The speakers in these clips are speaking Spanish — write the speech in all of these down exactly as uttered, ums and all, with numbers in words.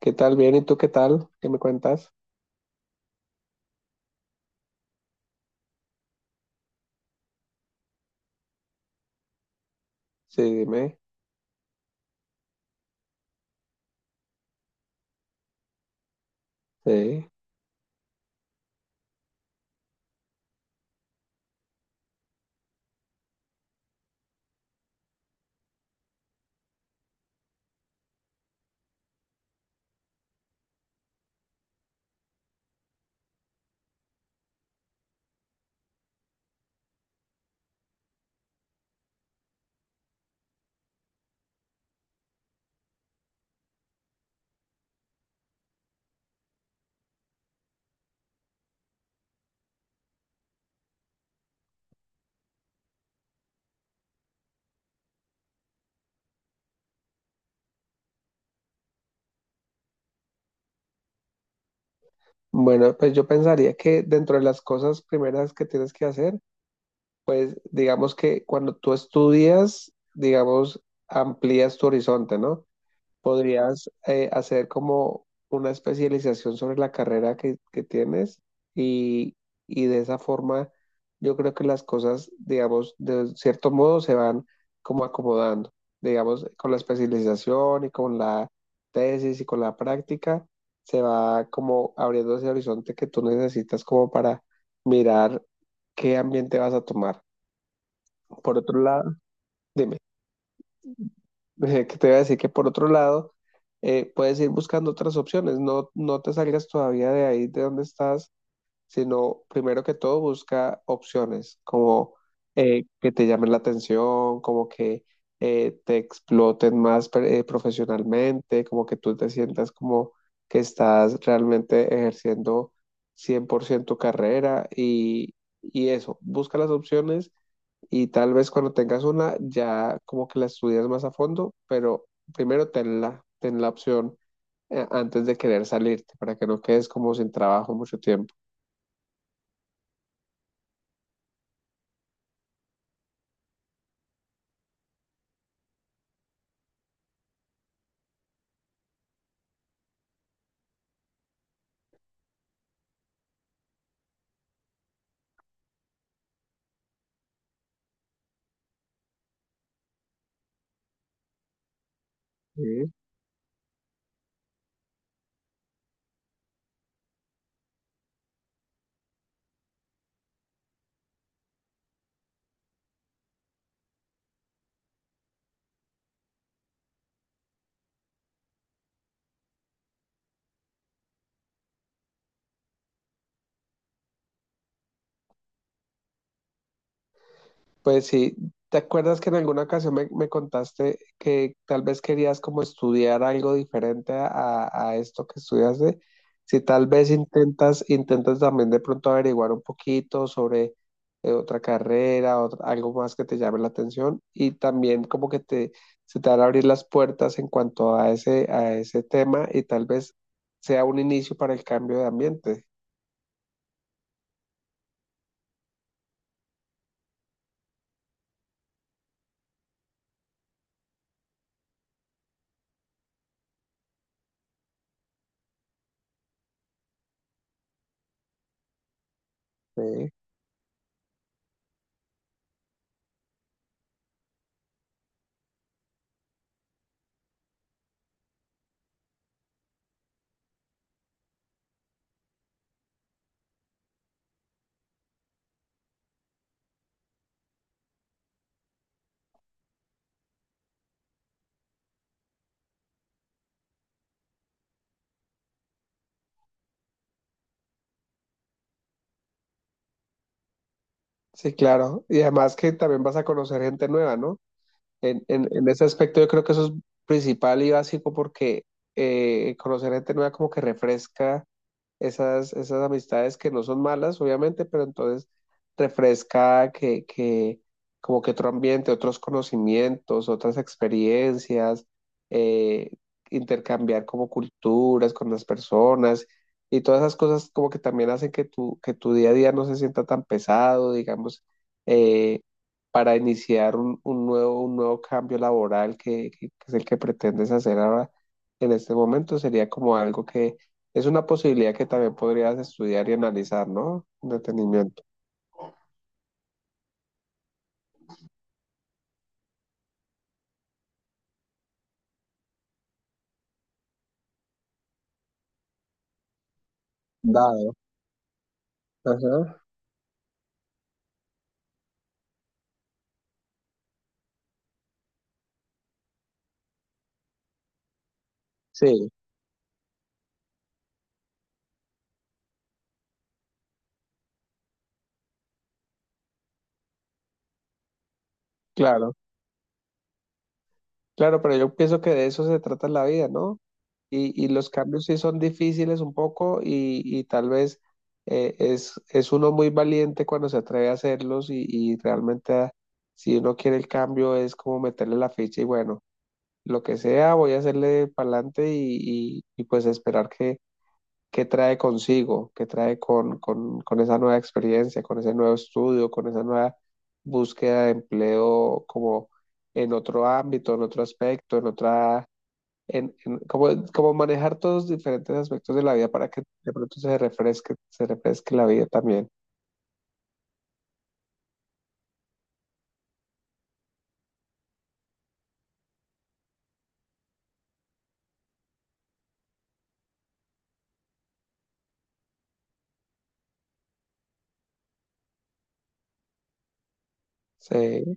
¿Qué tal? Bien, ¿y tú qué tal? ¿Qué me cuentas? Sí, dime. Sí. Bueno, pues yo pensaría que dentro de las cosas primeras que tienes que hacer, pues digamos que cuando tú estudias, digamos, amplías tu horizonte, ¿no? Podrías eh, hacer como una especialización sobre la carrera que, que tienes y, y de esa forma yo creo que las cosas, digamos, de cierto modo se van como acomodando, digamos, con la especialización y con la tesis y con la práctica, se va como abriendo ese horizonte que tú necesitas como para mirar qué ambiente vas a tomar. Por otro lado, dime. Eh, que te voy a decir que por otro lado, eh, puedes ir buscando otras opciones, no, no te salgas todavía de ahí de donde estás, sino primero que todo busca opciones como eh, que te llamen la atención, como que eh, te exploten más pre- eh, profesionalmente, como que tú te sientas como que estás realmente ejerciendo cien por ciento tu carrera y, y eso, busca las opciones y tal vez cuando tengas una ya como que la estudias más a fondo, pero primero ten la ten la opción eh, antes de querer salirte para que no quedes como sin trabajo mucho tiempo. Sí. Pues sí, ¿te acuerdas que en alguna ocasión me, me contaste que tal vez querías como estudiar algo diferente a, a esto que estudiaste? Si tal vez intentas, intentas también de pronto averiguar un poquito sobre eh, otra carrera, otra- algo más que te llame la atención y también como que te, se te van a abrir las puertas en cuanto a ese, a ese tema y tal vez sea un inicio para el cambio de ambiente. Sí, sí, claro. Y además que también vas a conocer gente nueva, ¿no? En, en, en ese aspecto yo creo que eso es principal y básico porque eh, conocer gente nueva como que refresca esas, esas amistades que no son malas, obviamente, pero entonces refresca que, que como que otro ambiente, otros conocimientos, otras experiencias, eh, intercambiar como culturas con las personas y todas esas cosas como que también hacen que tu, que tu día a día no se sienta tan pesado, digamos, eh, para iniciar un, un nuevo, un nuevo cambio laboral que, que que es el que pretendes hacer ahora en este momento, sería como algo que es una posibilidad que también podrías estudiar y analizar, ¿no? Con detenimiento. Dado. Ajá. Sí, claro. Claro, pero yo pienso que de eso se trata la vida, ¿no? Y, y los cambios sí son difíciles un poco y, y tal vez eh, es, es uno muy valiente cuando se atreve a hacerlos y, y realmente ah, si uno quiere el cambio es como meterle la ficha y bueno, lo que sea, voy a hacerle para adelante y, y- y pues esperar que qué trae consigo, qué trae con, con, con esa nueva experiencia, con ese nuevo estudio, con esa nueva búsqueda de empleo como en otro ámbito, en otro aspecto, en otra, en, en- como, como manejar todos los diferentes aspectos de la vida para que de pronto se refresque, se refresque la vida también. Sí,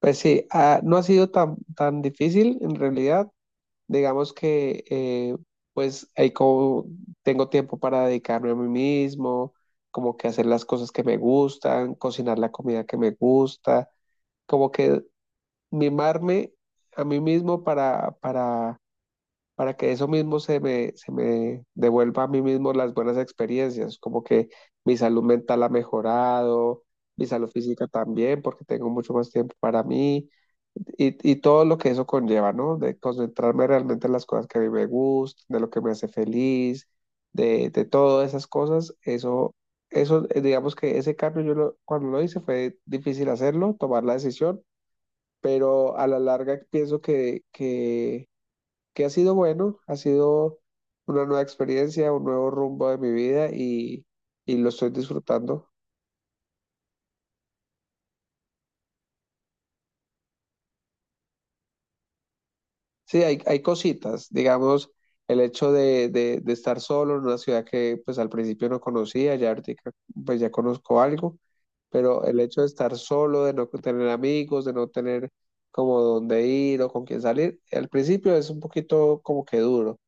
pues sí, ah, no ha sido tan, tan difícil en realidad. Digamos que eh, pues ahí como tengo tiempo para dedicarme a mí mismo, como que hacer las cosas que me gustan, cocinar la comida que me gusta, como que mimarme a mí mismo para, para, para que eso mismo se me, se me devuelva a mí mismo las buenas experiencias, como que mi salud mental ha mejorado, mi salud física también, porque tengo mucho más tiempo para mí. Y, y todo lo que eso conlleva, ¿no? De concentrarme realmente en las cosas que a mí me gustan, de lo que me hace feliz, de, de todas esas cosas, eso, eso, eh, digamos que ese cambio yo lo- cuando lo hice fue difícil hacerlo, tomar la decisión, pero a la larga pienso que, que, que ha sido bueno, ha sido una nueva experiencia, un nuevo rumbo de mi vida y, y lo estoy disfrutando. Sí, hay, hay cositas, digamos, el hecho de, de, de estar solo en una ciudad que pues al principio no conocía, ya ahorita pues ya conozco algo, pero el hecho de estar solo, de no tener amigos, de no tener como dónde ir o con quién salir, al principio es un poquito como que duro,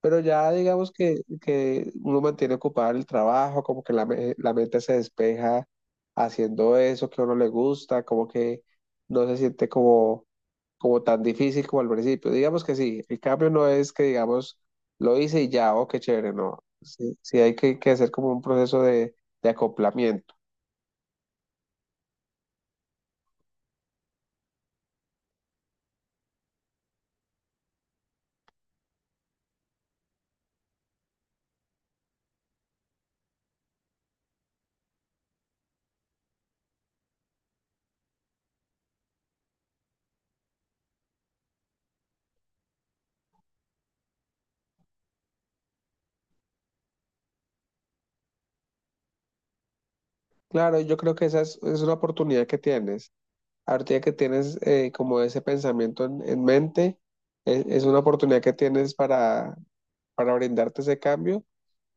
pero ya digamos que, que uno mantiene ocupado el trabajo, como que la, me- la mente se despeja haciendo eso que a uno le gusta, como que no se siente como, como tan difícil como al principio. Digamos que sí, el cambio no es que digamos lo hice y ya, oh, qué chévere, no. Sí, sí hay que, que hacer como un proceso de, de acoplamiento. Claro, yo creo que esa es, es una oportunidad que tienes. Ahorita que tienes eh, como ese pensamiento en en mente. Es, es una oportunidad que tienes para para brindarte ese cambio.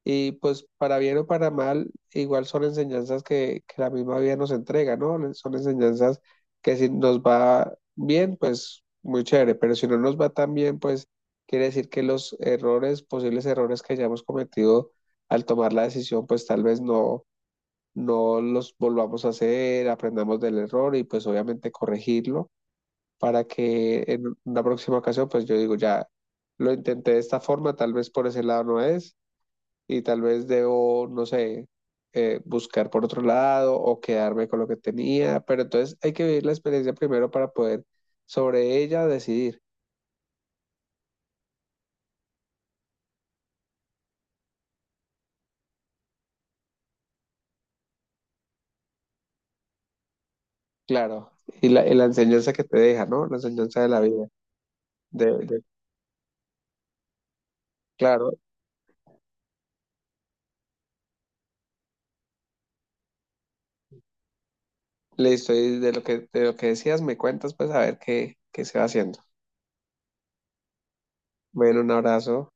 Y pues para bien o para mal, igual son enseñanzas que, que la misma vida nos entrega, ¿no? Son enseñanzas que si nos va bien, pues muy chévere, pero si no nos va tan bien, pues quiere decir que los errores, posibles errores que hayamos cometido al tomar la decisión, pues tal vez no, no los volvamos a hacer, aprendamos del error y pues obviamente corregirlo para que en una próxima ocasión, pues yo digo, ya lo intenté de esta forma, tal vez por ese lado no es, y tal vez debo, no sé, eh, buscar por otro lado o quedarme con lo que tenía, pero entonces hay que vivir la experiencia primero para poder sobre ella decidir, claro, y la, y la enseñanza que te deja, ¿no? La enseñanza de la vida, de, de- claro, listo, y de lo que, de lo que decías me cuentas, pues a ver qué, qué se va haciendo. Bueno, un abrazo.